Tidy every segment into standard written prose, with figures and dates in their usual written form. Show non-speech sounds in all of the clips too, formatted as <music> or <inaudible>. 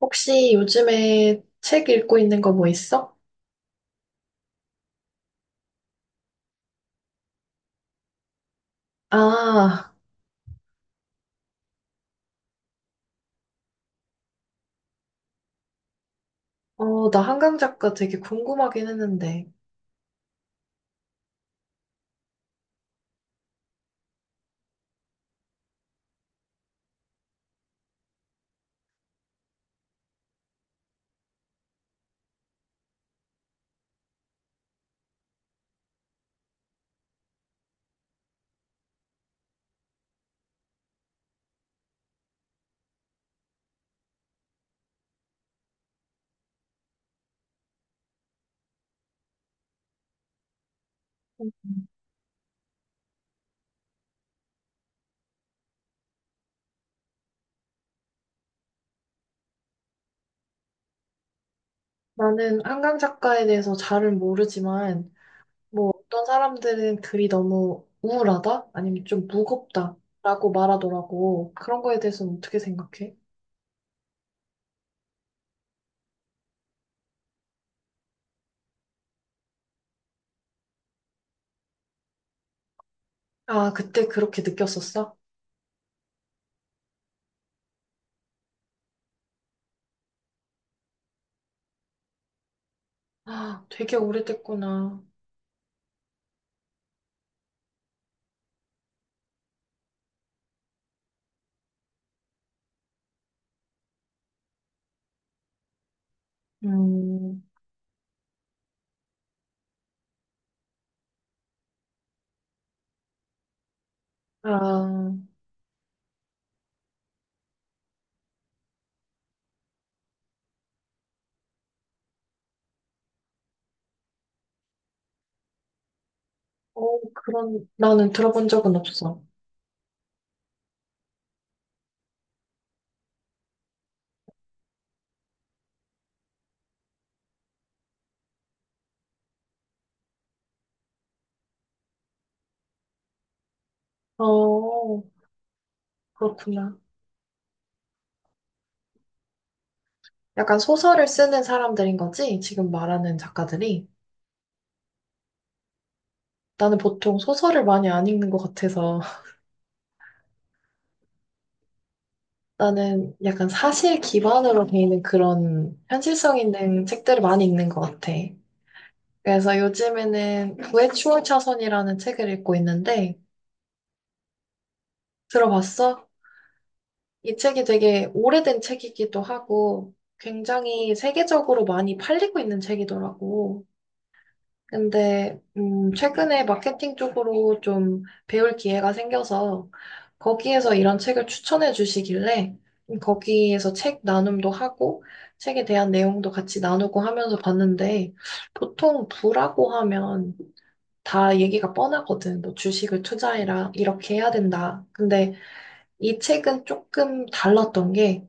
혹시 요즘에 책 읽고 있는 거 뭐 있어? 아, 어, 나 한강 작가 되게 궁금하긴 했는데. 나는 한강 작가에 대해서 잘은 모르지만, 뭐 어떤 사람들은 글이 너무 우울하다? 아니면 좀 무겁다? 라고 말하더라고. 그런 거에 대해서는 어떻게 생각해? 아, 그때 그렇게 느꼈었어? 아, 되게 오래됐구나. 음, 아, 어, 그런, 나는 들어본 적은 없어. 어, 그렇구나. 약간 소설을 쓰는 사람들인 거지? 지금 말하는 작가들이? 나는 보통 소설을 많이 안 읽는 것 같아서 <laughs> 나는 약간 사실 기반으로 돼 있는 그런 현실성 있는 책들을 많이 읽는 것 같아. 그래서 요즘에는 구의 추월 차선이라는 책을 읽고 있는데 들어봤어? 이 책이 되게 오래된 책이기도 하고 굉장히 세계적으로 많이 팔리고 있는 책이더라고. 근데 최근에 마케팅 쪽으로 좀 배울 기회가 생겨서 거기에서 이런 책을 추천해 주시길래 거기에서 책 나눔도 하고 책에 대한 내용도 같이 나누고 하면서 봤는데 보통 부라고 하면 다 얘기가 뻔하거든. 뭐 주식을 투자해라 이렇게 해야 된다. 근데 이 책은 조금 달랐던 게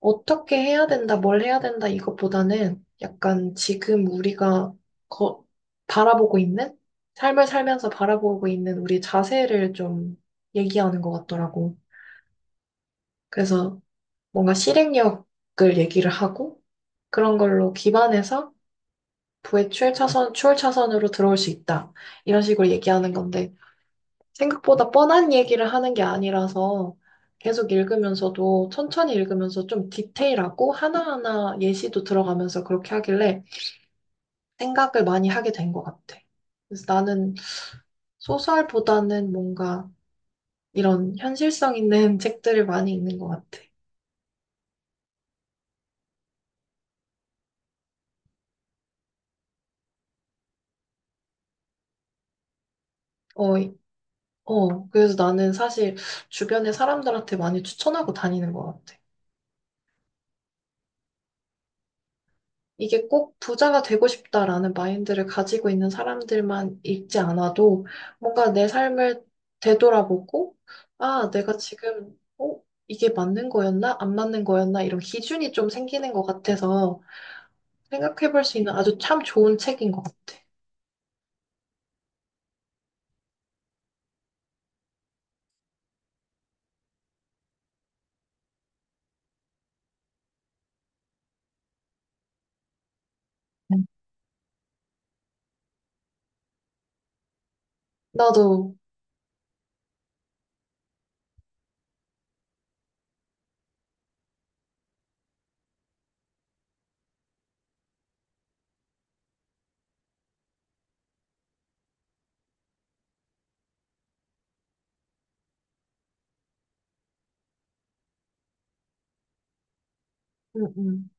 어떻게 해야 된다, 뭘 해야 된다, 이것보다는 약간 지금 우리가 거, 바라보고 있는? 삶을 살면서 바라보고 있는 우리 자세를 좀 얘기하는 것 같더라고. 그래서 뭔가 실행력을 얘기를 하고 그런 걸로 기반해서 부의 출차선, 추월차선으로 들어올 수 있다. 이런 식으로 얘기하는 건데 생각보다 뻔한 얘기를 하는 게 아니라서 계속 읽으면서도 천천히 읽으면서 좀 디테일하고 하나하나 예시도 들어가면서 그렇게 하길래 생각을 많이 하게 된 것 같아. 그래서 나는 소설보다는 뭔가 이런 현실성 있는 <laughs> 책들을 많이 읽는 것 같아. 어, 어, 그래서 나는 사실 주변의 사람들한테 많이 추천하고 다니는 것 같아. 이게 꼭 부자가 되고 싶다라는 마인드를 가지고 있는 사람들만 읽지 않아도 뭔가 내 삶을 되돌아보고, 아, 내가 지금, 어, 이게 맞는 거였나? 안 맞는 거였나? 이런 기준이 좀 생기는 것 같아서 생각해 볼 수 있는 아주 참 좋은 책인 것 같아. 음. 나도, 음, 음.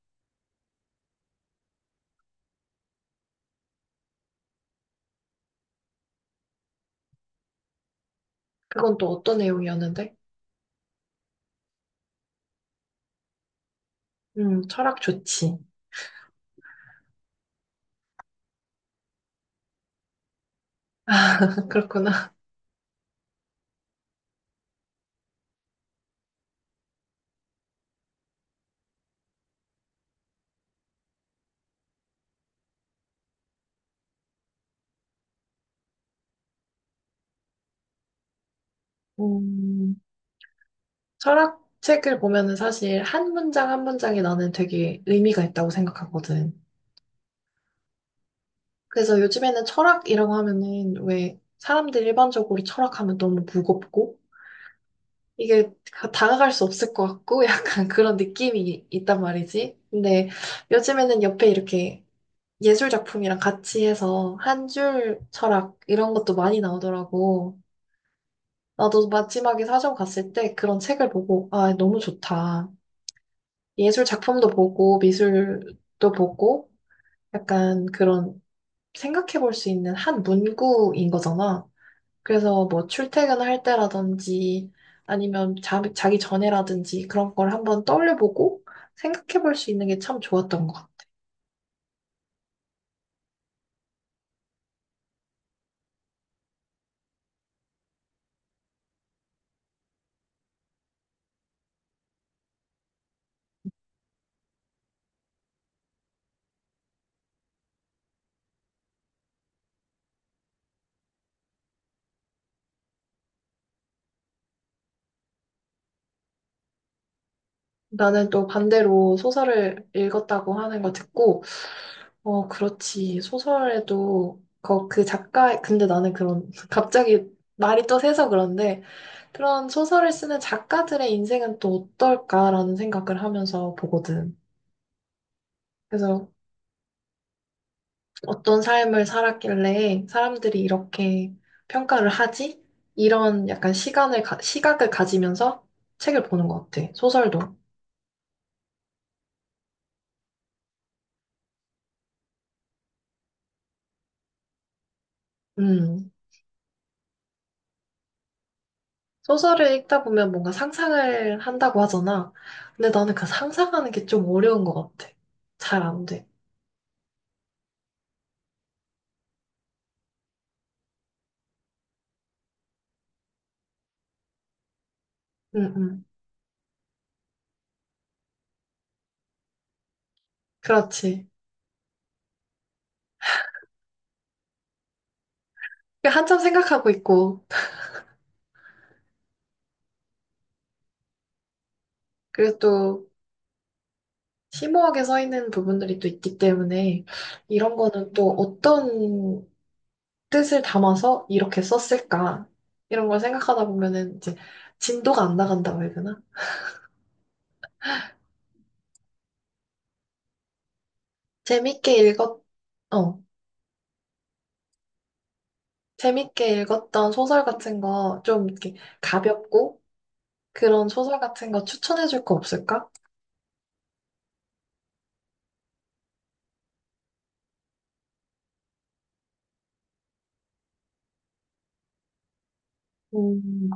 그건 또 어떤 내용이었는데? 철학 좋지. <laughs> 그렇구나. 음, 철학 책을 보면은 사실 한 문장 한 문장이 나는 되게 의미가 있다고 생각하거든. 그래서 요즘에는 철학이라고 하면은 왜 사람들이 일반적으로 철학하면 너무 무겁고 이게 다가갈 수 없을 것 같고 <laughs> 약간 그런 느낌이 있단 말이지. 근데 요즘에는 옆에 이렇게 예술 작품이랑 같이 해서 한줄 철학 이런 것도 많이 나오더라고. 나도 마지막에 사전 갔을 때 그런 책을 보고 아, 너무 좋다. 예술 작품도 보고 미술도 보고 약간 그런 생각해 볼 수 있는 한 문구인 거잖아. 그래서 뭐 출퇴근할 때라든지 아니면 자기 전에라든지 그런 걸 한번 떠올려보고 생각해 볼 수 있는 게 참 좋았던 것 같아. 나는 또 반대로 소설을 읽었다고 하는 거 듣고, 어, 그렇지. 소설에도 그, 그 작가, 근데 나는 그런, <laughs> 갑자기 말이 또 새서 그런데 그런 소설을 쓰는 작가들의 인생은 또 어떨까라는 생각을 하면서 보거든. 그래서 어떤 삶을 살았길래 사람들이 이렇게 평가를 하지? 이런 약간 시간을, 시각을 가지면서 책을 보는 것 같아. 소설도. 음. 소설을 읽다 보면 뭔가 상상을 한다고 하잖아. 근데 나는 그 상상하는 게 좀 어려운 것 같아. 잘 안 돼. 응, 응. 그렇지. 한참 생각하고 있고, 그리고 또 심오하게 써 있는 부분들이 또 있기 때문에 이런 거는 또 어떤 뜻을 담아서 이렇게 썼을까? 이런 걸 생각하다 보면은 이제 진도가 안 나간다고 해야 되나? 재밌게 읽었, 어, 재밌게 읽었던 소설 같은 거 좀 이렇게 가볍고 그런 소설 같은 거 추천해 줄 거 없을까? 음,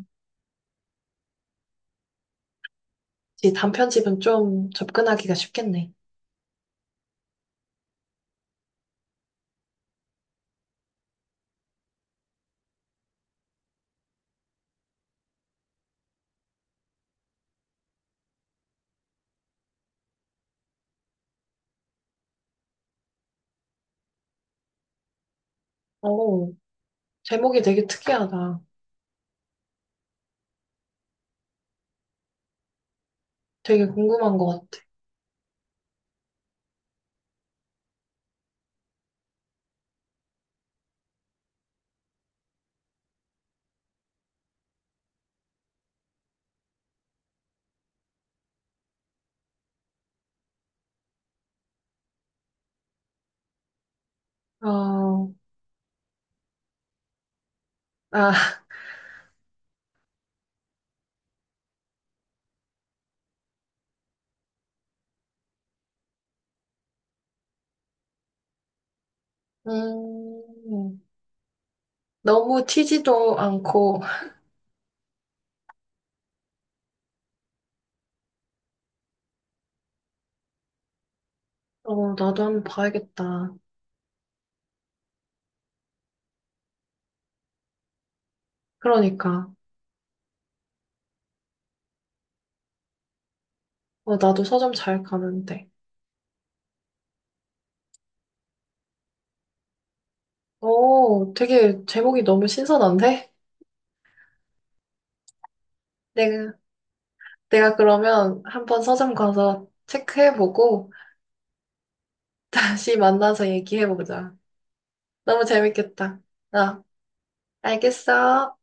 이 단편집은 좀 접근하기가 쉽겠네. 오 제목이 되게 특이하다. 되게 궁금한 것 같아. 어, 아, 음, 너무 튀지도 않고, 어, 나도 한번 봐야겠다. 그러니까. 어, 나도 서점 잘 가는데. 어, 되게 제목이 너무 신선한데? 내가, 내가 그러면 한번 서점 가서 체크해보고 <laughs> 다시 만나서 얘기해보자. 너무 재밌겠다. 어, 알겠어.